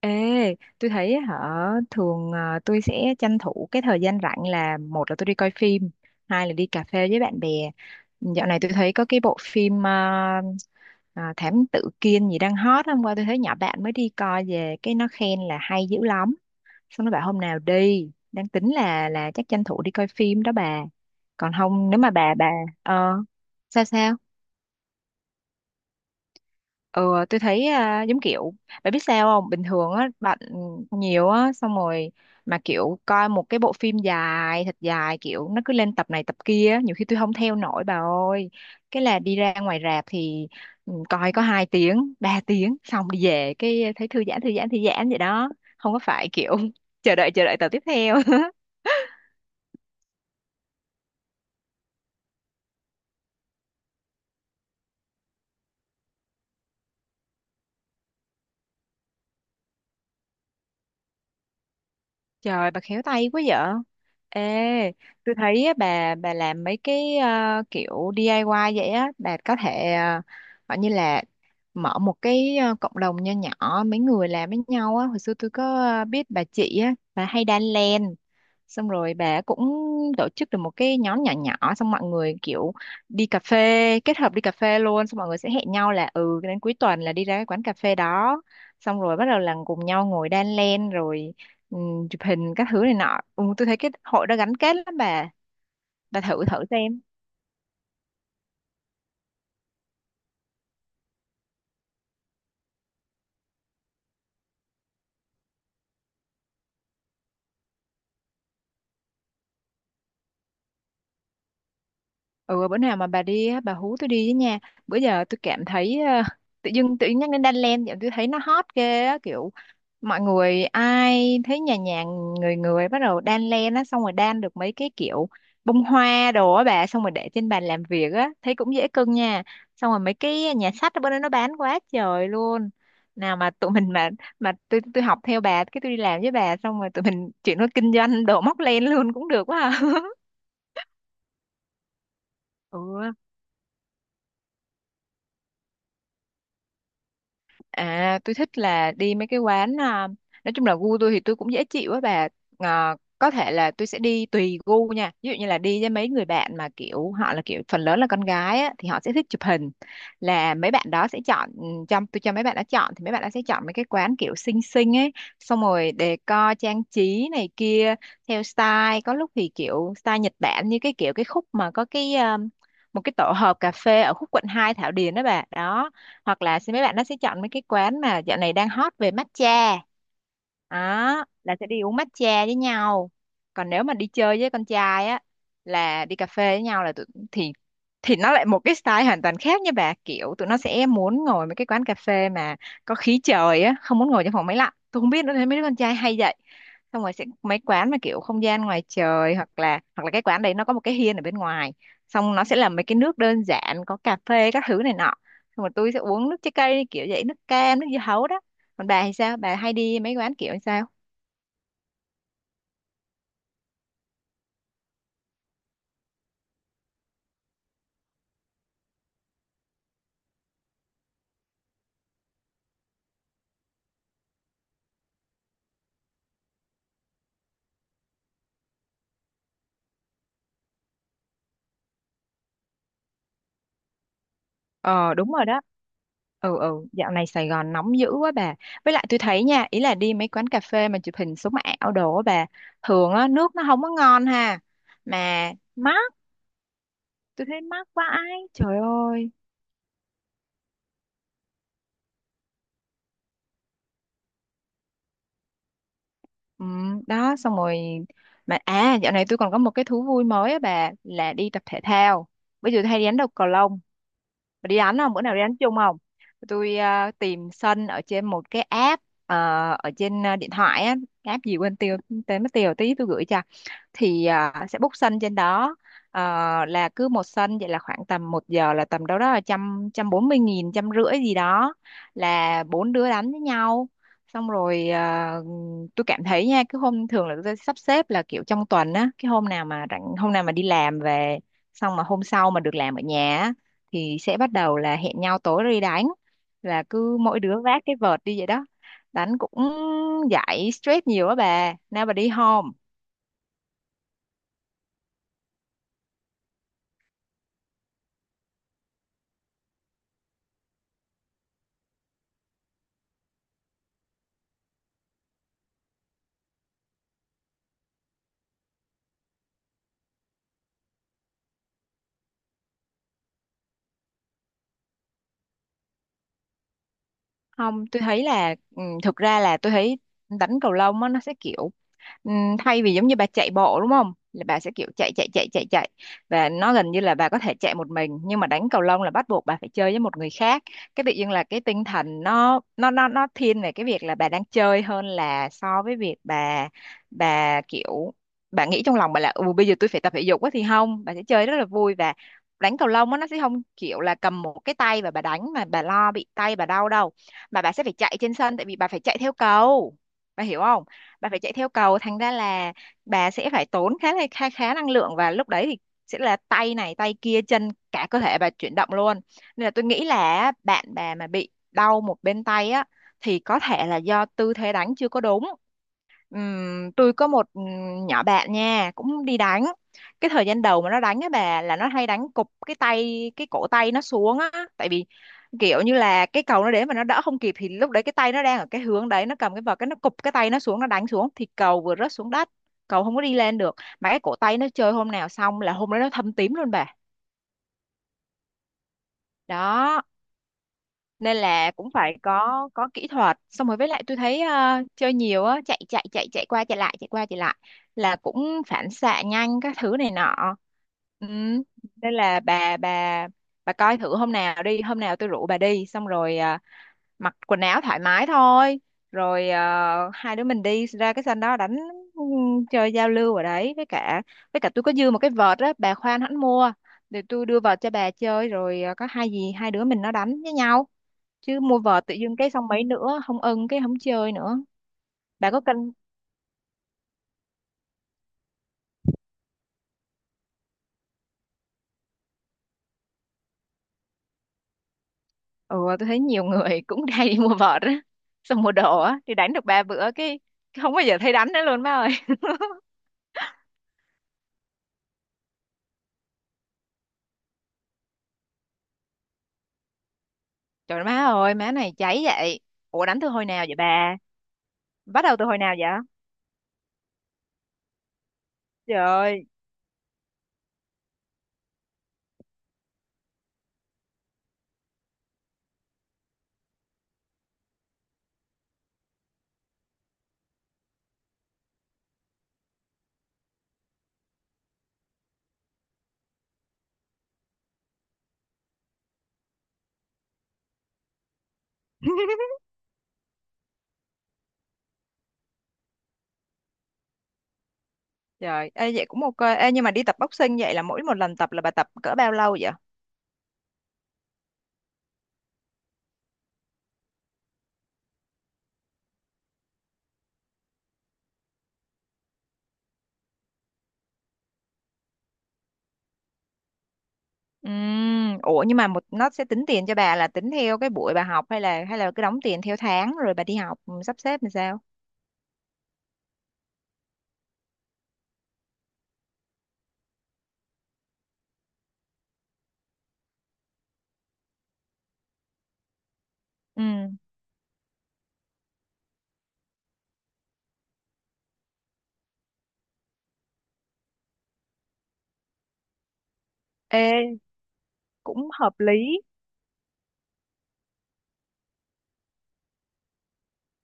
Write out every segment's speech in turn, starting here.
Ê, tôi thấy á hả thường à, tôi sẽ tranh thủ cái thời gian rảnh là một là tôi đi coi phim, hai là đi cà phê với bạn bè. Dạo này tôi thấy có cái bộ phim à, à, Thám Tử Kiên gì đang hot. Hôm qua tôi thấy nhỏ bạn mới đi coi về cái nó khen là hay dữ lắm. Xong nó bảo hôm nào đi, đang tính là chắc tranh thủ đi coi phim đó bà. Còn không nếu mà bà ờ sao sao? Ừ, tôi thấy à, giống kiểu bạn biết sao không, bình thường á bạn nhiều á, xong rồi mà kiểu coi một cái bộ phim dài thật dài, kiểu nó cứ lên tập này tập kia á, nhiều khi tôi không theo nổi bà ơi. Cái là đi ra ngoài rạp thì ừ, coi có 2 tiếng 3 tiếng xong đi về cái thấy thư giãn thư giãn thư giãn vậy đó, không có phải kiểu chờ đợi tập tiếp theo Trời, bà khéo tay quá vợ. Ê, tôi thấy á, bà làm mấy cái kiểu DIY vậy á, bà có thể gọi như là mở một cái cộng đồng nho nhỏ mấy người làm với nhau á. Hồi xưa tôi có biết bà chị á, bà hay đan len, xong rồi bà cũng tổ chức được một cái nhóm nhỏ nhỏ, xong mọi người kiểu đi cà phê, kết hợp đi cà phê luôn. Xong mọi người sẽ hẹn nhau là ừ, đến cuối tuần là đi ra cái quán cà phê đó, xong rồi bắt đầu là cùng nhau ngồi đan len rồi chụp hình các thứ này nọ. Ừ, tôi thấy cái hội đó gắn kết lắm bà thử thử xem. Ừ, bữa nào mà bà đi á, bà hú tôi đi với nha. Bữa giờ tôi cảm thấy tự dưng nhắc đến đan len vậy tôi thấy nó hot ghê á, kiểu mọi người ai thấy nhà nhà người người bắt đầu đan len á, xong rồi đan được mấy cái kiểu bông hoa đồ á bà, xong rồi để trên bàn làm việc á thấy cũng dễ cưng nha. Xong rồi mấy cái nhà sách ở bên đó nó bán quá trời luôn. Nào mà tụi mình mà tôi học theo bà, cái tôi đi làm với bà, xong rồi tụi mình chuyển qua kinh doanh đồ móc len luôn cũng được quá à. Ừ. À, tôi thích là đi mấy cái quán à, nói chung là gu tôi thì tôi cũng dễ chịu á bà. À, có thể là tôi sẽ đi tùy gu nha. Ví dụ như là đi với mấy người bạn mà kiểu họ là kiểu phần lớn là con gái á thì họ sẽ thích chụp hình. Là mấy bạn đó sẽ chọn ừ, trong tôi cho mấy bạn đó chọn thì mấy bạn đó sẽ chọn mấy cái quán kiểu xinh xinh ấy, xong rồi decor trang trí này kia theo style. Có lúc thì kiểu style Nhật Bản, như cái kiểu cái khúc mà có cái một cái tổ hợp cà phê ở khúc Quận 2 Thảo Điền đó bà. Đó, hoặc là sẽ mấy bạn nó sẽ chọn mấy cái quán mà dạo này đang hot về matcha, đó là sẽ đi uống matcha với nhau. Còn nếu mà đi chơi với con trai á, là đi cà phê với nhau là tụi, thì thì nó lại một cái style hoàn toàn khác nha bà. Kiểu tụi nó sẽ muốn ngồi mấy cái quán cà phê mà có khí trời á, không muốn ngồi trong phòng máy lạnh, tôi không biết nữa, thấy mấy đứa con trai hay vậy. Xong rồi sẽ mấy quán mà kiểu không gian ngoài trời, hoặc là cái quán đấy nó có một cái hiên ở bên ngoài, xong nó sẽ làm mấy cái nước đơn giản có cà phê các thứ này nọ. Xong rồi tôi sẽ uống nước trái cây kiểu vậy, nước cam nước dưa hấu đó. Còn bà thì sao, bà hay đi mấy quán kiểu sao? Ờ đúng rồi đó. Ừ, ừ, dạo này Sài Gòn nóng dữ quá bà. Với lại tôi thấy nha, ý là đi mấy quán cà phê mà chụp hình sống ảo đồ á bà, thường á nước nó không có ngon ha, mà mắc. Tôi thấy mắc quá ai trời ơi. Ừ, đó xong rồi. Mà à, dạo này tôi còn có một cái thú vui mới á bà, là đi tập thể thao. Bây giờ tôi hay đi đánh đầu cầu lông. Bà đi đánh không? Bữa nào đi đánh chung không? Tôi tìm sân ở trên một cái app ở trên điện thoại á, cái app gì quên tiêu, tên mất tiêu, tí tôi gửi cho. Thì à, sẽ book sân trên đó. Ờ, là cứ một sân vậy là khoảng tầm 1 giờ là tầm đâu đó là trăm trăm bốn mươi nghìn 150.000 gì đó, là 4 đứa đánh với nhau. Xong rồi à, tôi cảm thấy nha cứ hôm thường là tôi sắp xếp là kiểu trong tuần á, cái hôm nào mà rảnh, hôm nào mà đi làm về xong mà hôm sau mà được làm ở nhà á, thì sẽ bắt đầu là hẹn nhau tối đi đánh, là cứ mỗi đứa vác cái vợt đi vậy đó. Đánh cũng giải stress nhiều á bà, nào bà đi home. Không, tôi thấy là ừ, thực ra là tôi thấy đánh cầu lông á nó sẽ kiểu thay vì giống như bà chạy bộ đúng không, là bà sẽ kiểu chạy chạy chạy chạy chạy, và nó gần như là bà có thể chạy một mình, nhưng mà đánh cầu lông là bắt buộc bà phải chơi với một người khác. Cái tự nhiên là cái tinh thần nó thiên về cái việc là bà đang chơi hơn là so với việc bà kiểu bà nghĩ trong lòng bà là ừ bây giờ tôi phải tập thể dục quá, thì không, bà sẽ chơi rất là vui. Và đánh cầu lông á, nó sẽ không kiểu là cầm một cái tay và bà đánh mà bà lo bị tay bà đau đâu, mà bà sẽ phải chạy trên sân, tại vì bà phải chạy theo cầu. Bà hiểu không, bà phải chạy theo cầu, thành ra là bà sẽ phải tốn khá là khá năng lượng, và lúc đấy thì sẽ là tay này tay kia chân cả cơ thể bà chuyển động luôn. Nên là tôi nghĩ là bạn bà mà bị đau một bên tay á, thì có thể là do tư thế đánh chưa có đúng. Tôi có một nhỏ bạn nha cũng đi đánh, cái thời gian đầu mà nó đánh á bà là nó hay đánh cục cái tay cái cổ tay nó xuống á. Tại vì kiểu như là cái cầu nó đến mà nó đỡ không kịp, thì lúc đấy cái tay nó đang ở cái hướng đấy nó cầm cái vợt, cái nó cục cái tay nó xuống, nó đánh xuống thì cầu vừa rớt xuống đất, cầu không có đi lên được. Mà cái cổ tay nó chơi hôm nào xong là hôm đấy nó thâm tím luôn bà. Đó, nên là cũng phải có kỹ thuật. Xong rồi với lại tôi thấy chơi nhiều á, chạy chạy chạy chạy qua chạy lại chạy qua chạy lại là cũng phản xạ nhanh các thứ này nọ. Ừ. Nên là bà coi thử hôm nào đi, hôm nào tôi rủ bà đi xong rồi, mặc quần áo thoải mái thôi. Rồi hai đứa mình đi ra cái sân đó đánh, ừ, chơi giao lưu ở đấy. Với cả tôi có dư một cái vợt á, bà khoan hẳn mua, để tôi đưa vợt cho bà chơi, rồi có hai đứa mình nó đánh với nhau. Chứ mua vợt tự dưng cái xong mấy nữa không ưng cái không chơi nữa. Bà có cân? Ừ, tôi thấy nhiều người cũng hay đi mua vợt á, xong mua đồ á thì đánh được ba bữa cái không bao giờ thấy đánh nữa luôn, má ơi. Trời má ơi, má này cháy vậy. Ủa đánh từ hồi nào vậy bà? Bắt đầu từ hồi nào vậy? Trời. Ơi, trời ê, vậy cũng ok. Ê, nhưng mà đi tập boxing vậy là mỗi một lần tập là bà tập cỡ bao lâu vậy? Ủa nhưng mà một nó sẽ tính tiền cho bà là tính theo cái buổi bà học, hay là cứ đóng tiền theo tháng rồi bà đi học, ừ, sắp xếp làm sao? Ừ. Ê, cũng hợp lý.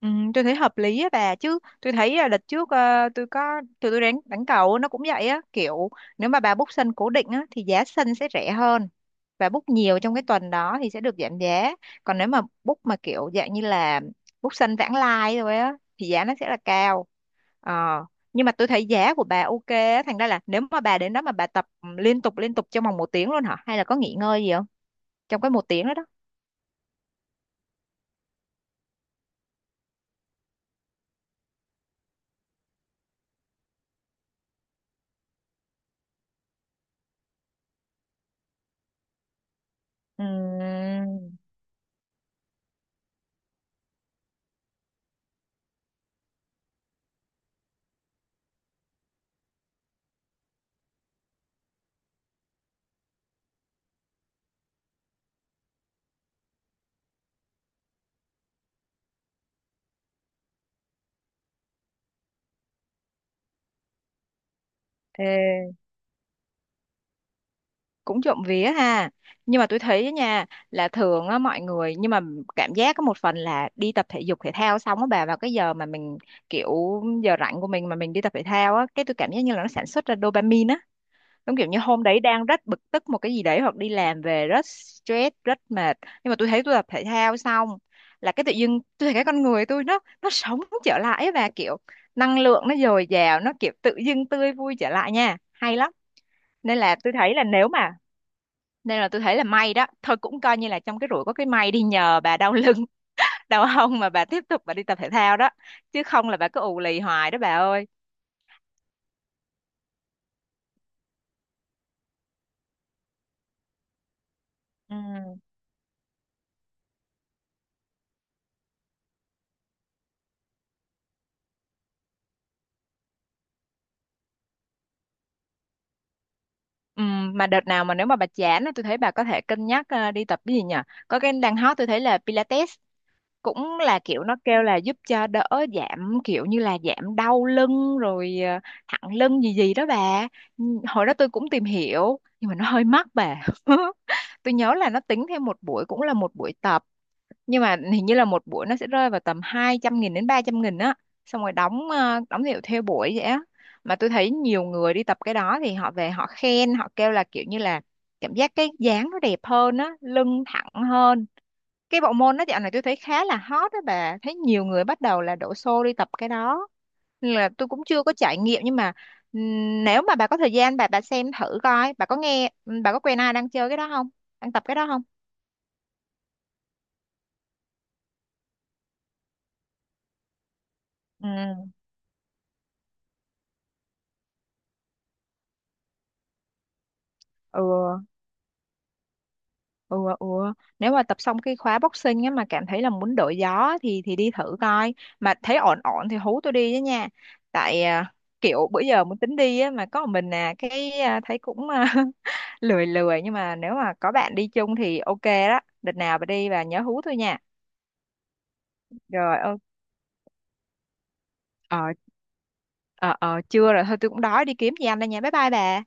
Ừ, tôi thấy hợp lý á bà chứ. Tôi thấy là đợt trước, tôi có tụi tôi đánh đánh cầu nó cũng vậy á, kiểu nếu mà bà book sân cố định á thì giá sân sẽ rẻ hơn. Bà book nhiều trong cái tuần đó thì sẽ được giảm giá. Còn nếu mà book mà kiểu dạng như là book sân vãng lai thôi á thì giá nó sẽ là cao. Ờ, nhưng mà tôi thấy giá của bà ok á, thành ra là nếu mà bà đến đó mà bà tập, ừ, liên tục trong vòng một tiếng luôn hả? Hay là có nghỉ ngơi gì không? Trong cái một tiếng đó đó. Ừm, ê, cũng trộm vía ha. Nhưng mà tôi thấy á nha, là thường á mọi người, nhưng mà cảm giác có một phần là đi tập thể dục thể thao xong á bà, vào cái giờ mà mình kiểu giờ rảnh của mình mà mình đi tập thể thao á, cái tôi cảm giác như là nó sản xuất ra dopamine á. Giống kiểu như hôm đấy đang rất bực tức một cái gì đấy, hoặc đi làm về rất stress rất mệt, nhưng mà tôi thấy tôi tập thể thao xong là cái tự dưng tôi thấy cái con người tôi nó sống trở lại, và kiểu năng lượng nó dồi dào, nó kiểu tự dưng tươi vui trở lại, nha, hay lắm. nên là tôi thấy là nếu mà Nên là tôi thấy là may đó thôi, cũng coi như là trong cái rủi có cái may đi. Nhờ bà đau lưng đau hông mà bà tiếp tục bà đi tập thể thao đó, chứ không là bà cứ ù lì hoài đó bà ơi. Ừ. Ừ, mà đợt nào mà nếu mà bà chán á, tôi thấy bà có thể cân nhắc đi tập cái gì nhỉ. Có cái đang hot tôi thấy là Pilates, cũng là kiểu nó kêu là giúp cho đỡ giảm, kiểu như là giảm đau lưng rồi thẳng lưng gì gì đó bà. Ừ, hồi đó tôi cũng tìm hiểu nhưng mà nó hơi mắc bà. Tôi nhớ là nó tính thêm một buổi cũng là một buổi tập, nhưng mà hình như là một buổi nó sẽ rơi vào tầm 200.000 đến 300.000 á, xong rồi đóng, đóng hiệu theo buổi vậy á. Mà tôi thấy nhiều người đi tập cái đó thì họ về họ khen, họ kêu là kiểu như là cảm giác cái dáng nó đẹp hơn á, lưng thẳng hơn. Cái bộ môn đó dạo này tôi thấy khá là hot đó bà, thấy nhiều người bắt đầu là đổ xô đi tập cái đó. Nên là tôi cũng chưa có trải nghiệm, nhưng mà nếu mà bà có thời gian bà xem thử coi, bà có nghe, bà có quen ai đang chơi cái đó không, đang tập cái đó không? Ừ. Ừ, ừ ừ ừ. Nếu mà tập xong cái khóa boxing á mà cảm thấy là muốn đổi gió, thì đi thử coi, mà thấy ổn ổn thì hú tôi đi với nha. Tại à, kiểu bữa giờ muốn tính đi á mà có một mình à cái à, thấy cũng à, lười lười, nhưng mà nếu mà có bạn đi chung thì ok đó, đợt nào bà đi và nhớ hú tôi nha. Rồi ờ ờ, chưa rồi thôi, tôi cũng đói đi kiếm gì ăn đây, nha bye bye bà.